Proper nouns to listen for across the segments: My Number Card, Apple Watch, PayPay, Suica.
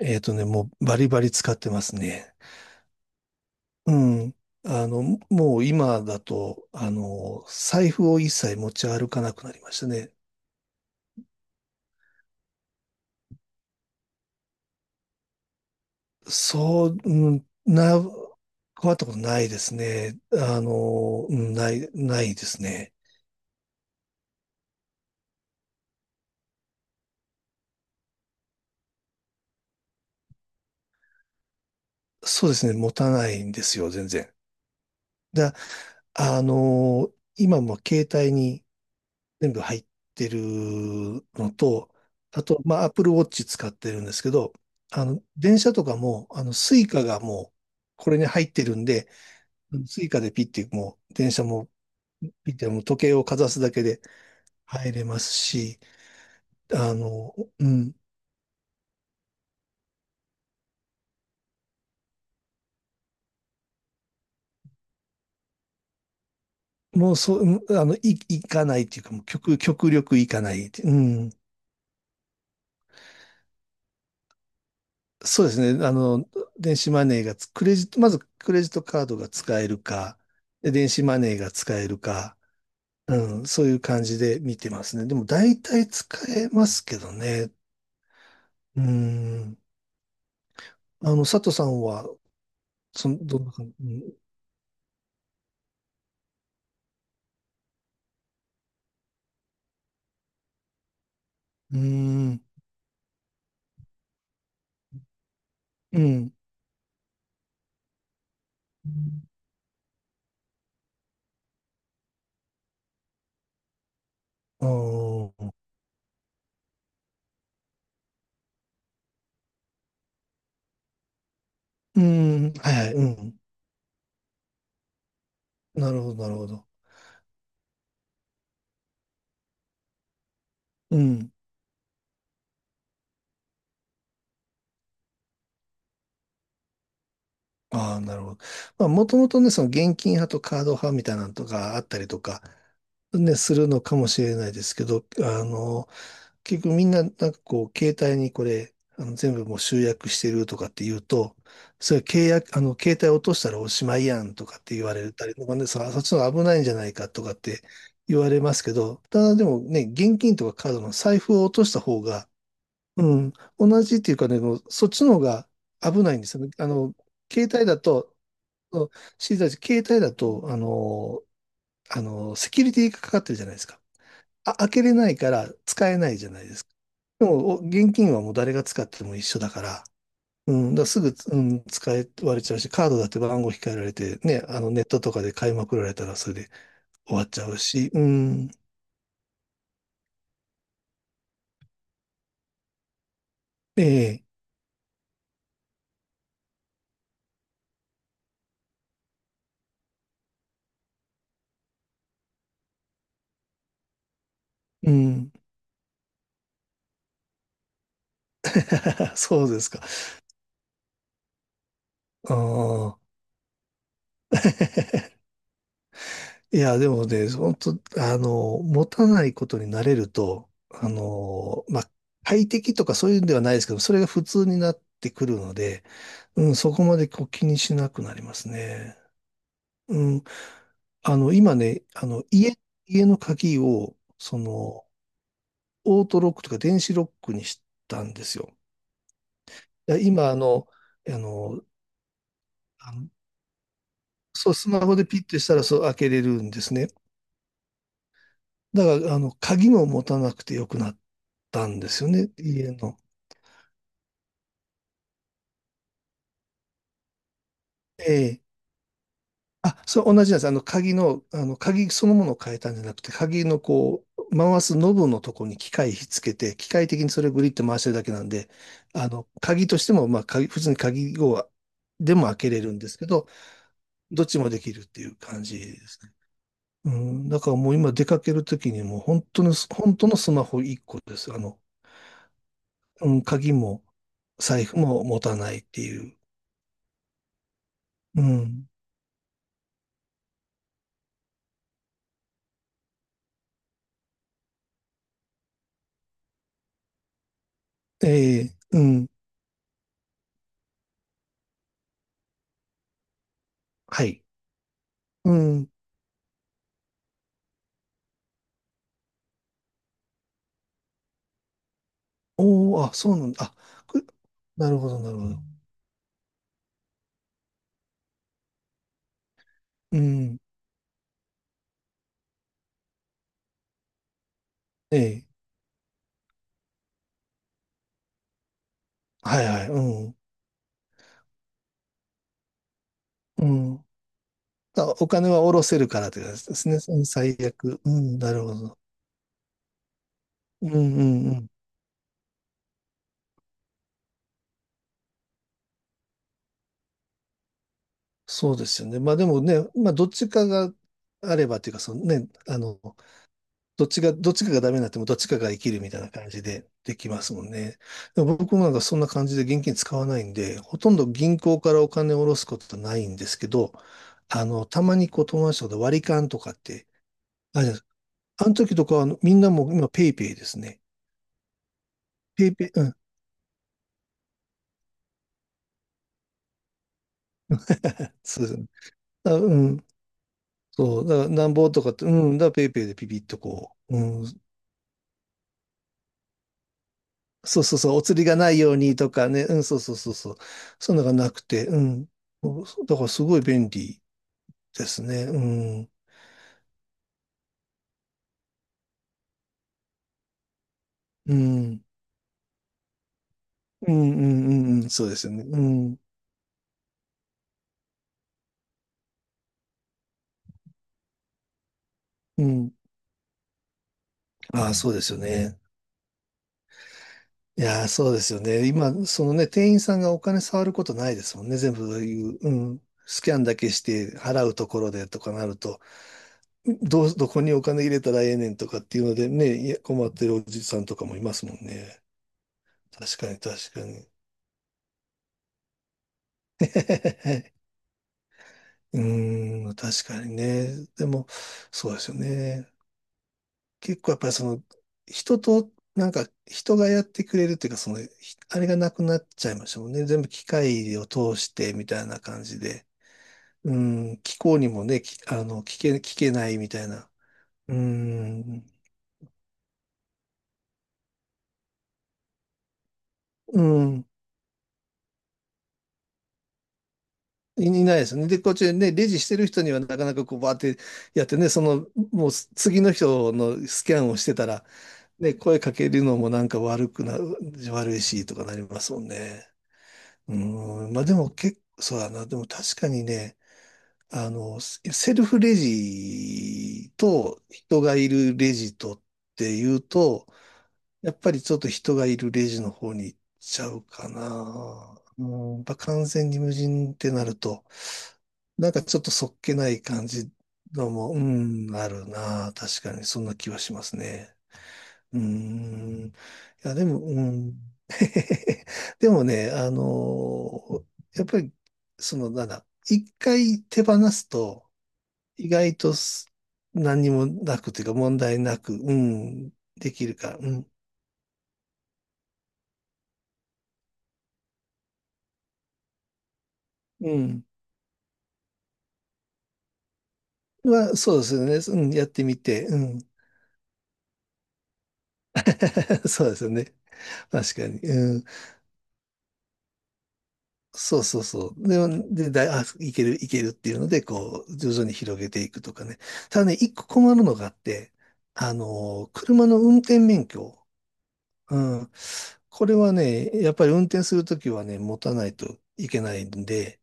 もうバリバリ使ってますね。うん。あの、もう今だと、財布を一切持ち歩かなくなりましたね。そう、うんな、困ったことないですね。ないですね。そうですね、持たないんですよ、全然。だ、あの、今も携帯に全部入ってるのと、あと、まあ、Apple Watch 使ってるんですけど、電車とかも、スイカがもう、これに入ってるんで、スイカでピッて、もう、電車もピッて、もう時計をかざすだけで入れますし、あの、うん、もうそう、うんあの、い、行かないっていうか、もう極力行かないって、うん。そうですね。電子マネーがつ、クレジット、まずクレジットカードが使えるか、で電子マネーが使えるか、うん、そういう感じで見てますね。でも大体使えますけどね。うん。佐藤さんは、その、どんな感じ、うん、うん、うん、あー、うん、はいはい、うん。なるほど、なるほど。うん。ああ、なるほど。まあ、もともとね、その現金派とカード派みたいなのとかあったりとか、ね、するのかもしれないですけど、結局みんな、なんかこう、携帯にこれ、全部もう集約してるとかって言うと、それ契約、あの、携帯落としたらおしまいやんとかって言われたりとかね、そっちの方が危ないんじゃないかとかって言われますけど、ただでもね、現金とかカードの財布を落とした方が、うん、同じっていうかね、もうそっちの方が危ないんですよね。携帯だと、そう知りたいし携帯だと、セキュリティがかかってるじゃないですか。あ、開けれないから使えないじゃないですか。でも、お現金はもう誰が使っても一緒だから、うん、だからすぐ、使え割れちゃうし、カードだって番号控えられて、ね、あのネットとかで買いまくられたらそれで終わっちゃうし、ええ、うん、そうですか。ああ、いや、でもね、本当持たないことになれると、まあ、快適とかそういうんではないですけど、それが普通になってくるので、うん、そこまでこう気にしなくなりますね。うん。今ね、家の鍵を、その、オートロックとか電子ロックにしたんですよ。で今、あの、あの、そう、スマホでピッてしたら、そう、開けれるんですね。だから、鍵も持たなくてよくなったんですよね、家の。ええ、あ、そう、同じなんです。鍵の、鍵そのものを変えたんじゃなくて、鍵のこう、回すノブのとこに機械ひっつけて、機械的にそれをグリッと回してるだけなんで、鍵としても、まあ、普通に鍵を、でも開けれるんですけど、どっちもできるっていう感じですね。うん、だからもう今出かけるときにもう本当の、本当のスマホ1個です。うん、鍵も財布も持たないっていう。うん。ええ、うん。はい。うん。おー、あ、そうなんだ。あ、なるほど、なるほど。うん。ええ。はいはい。うん。うん。あ、お金は下ろせるからって感じですね。うん、最悪。うん、なるほど。うん、うん、うん。そうですよね。まあでもね、まあどっちかがあればっていうか、そのね、どっちかがダメになってもどっちかが生きるみたいな感じでできますもんね。でも僕もなんかそんな感じで現金使わないんで、ほとんど銀行からお金を下ろすことはないんですけど、たまにこう友達とかで割り勘とかって、あれです。あの時とかはみんなもう今ペイペイですね。ペイペイ、うん、そうですね。うん、そう、だからなんぼとかって、だからペイペイでピピッとこう、そうそうそう、お釣りがないようにとかね、そうそうそうそう、そんなのがなくて、そうだからすごい便利ですね。うん。うん。うん、うん、うん、うん、そうですよね。うん。うん。ああ、そうですよね。いやー、そうですよね。今、そのね、店員さんがお金触ることないですもんね。全部そういう、うん。スキャンだけして払うところでとかなると、どこにお金入れたらええねんとかっていうのでね、いや、困ってるおじさんとかもいますもんね。確かに、確かに。うーん、確かにね。でも、そうですよね。結構やっぱりその、人と、なんか、人がやってくれるっていうか、その、あれがなくなっちゃいましたもんね。全部機械を通してみたいな感じで。うん、気候にもね、きあの、聞け、聞けないみたいな。うん、うん、いないですね。で、こっちでね、レジしてる人にはなかなかこう、バーってやってね、その、もう次の人のスキャンをしてたら、ね、声かけるのもなんか悪くな、悪いしとかなりますもんね。うーん、まあでも結構、そうだな。でも確かにね、セルフレジと人がいるレジとっていうと、やっぱりちょっと人がいるレジの方に行っちゃうかな。うん、やっぱ完全に無人ってなると、なんかちょっとそっけない感じのも、うん、あるな。確かにそんな気はしますね。うーん。いや、でも、うん。でもね、やっぱり、その、なんだ、一回手放すと、意外と何にもなくというか、問題なく、うん、できるから、うん。うん。まあ、そうですよね。うん、やってみて、うん。そうですよね。確かに。うん。そうそうそう。で、あ、いけるっていうので、こう、徐々に広げていくとかね。ただね、一個困るのがあって、車の運転免許。うん。これはね、やっぱり運転するときはね、持たないといけないんで、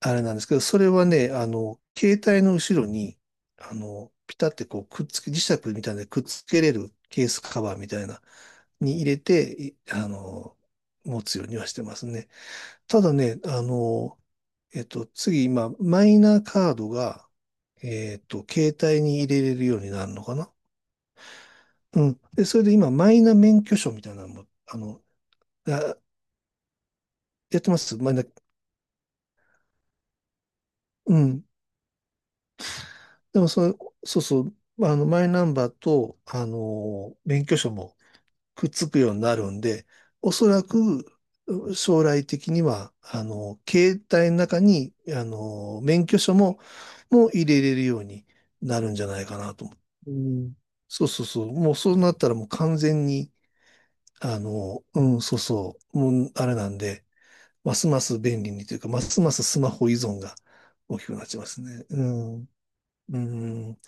あれなんですけど、それはね、携帯の後ろに、ピタってこう、くっつけ、磁石みたいなのでくっつけれるケースカバーみたいな、に入れて、いあの持つようにはしてますね。ただね、今、マイナカードが、携帯に入れれるようになるのかな。うん。で、それで今、マイナ免許証みたいなのも、あやってますマイナ、うん。でもそうそう、マイナンバーと、免許証もくっつくようになるんで、おそらく将来的には、携帯の中に、免許証も、もう入れれるようになるんじゃないかなと思う。うん。そうそうそう。もうそうなったらもう完全に、そうそう。もうあれなんで、ますます便利にというか、ますますスマホ依存が大きくなっちゃいますね。うん。うん。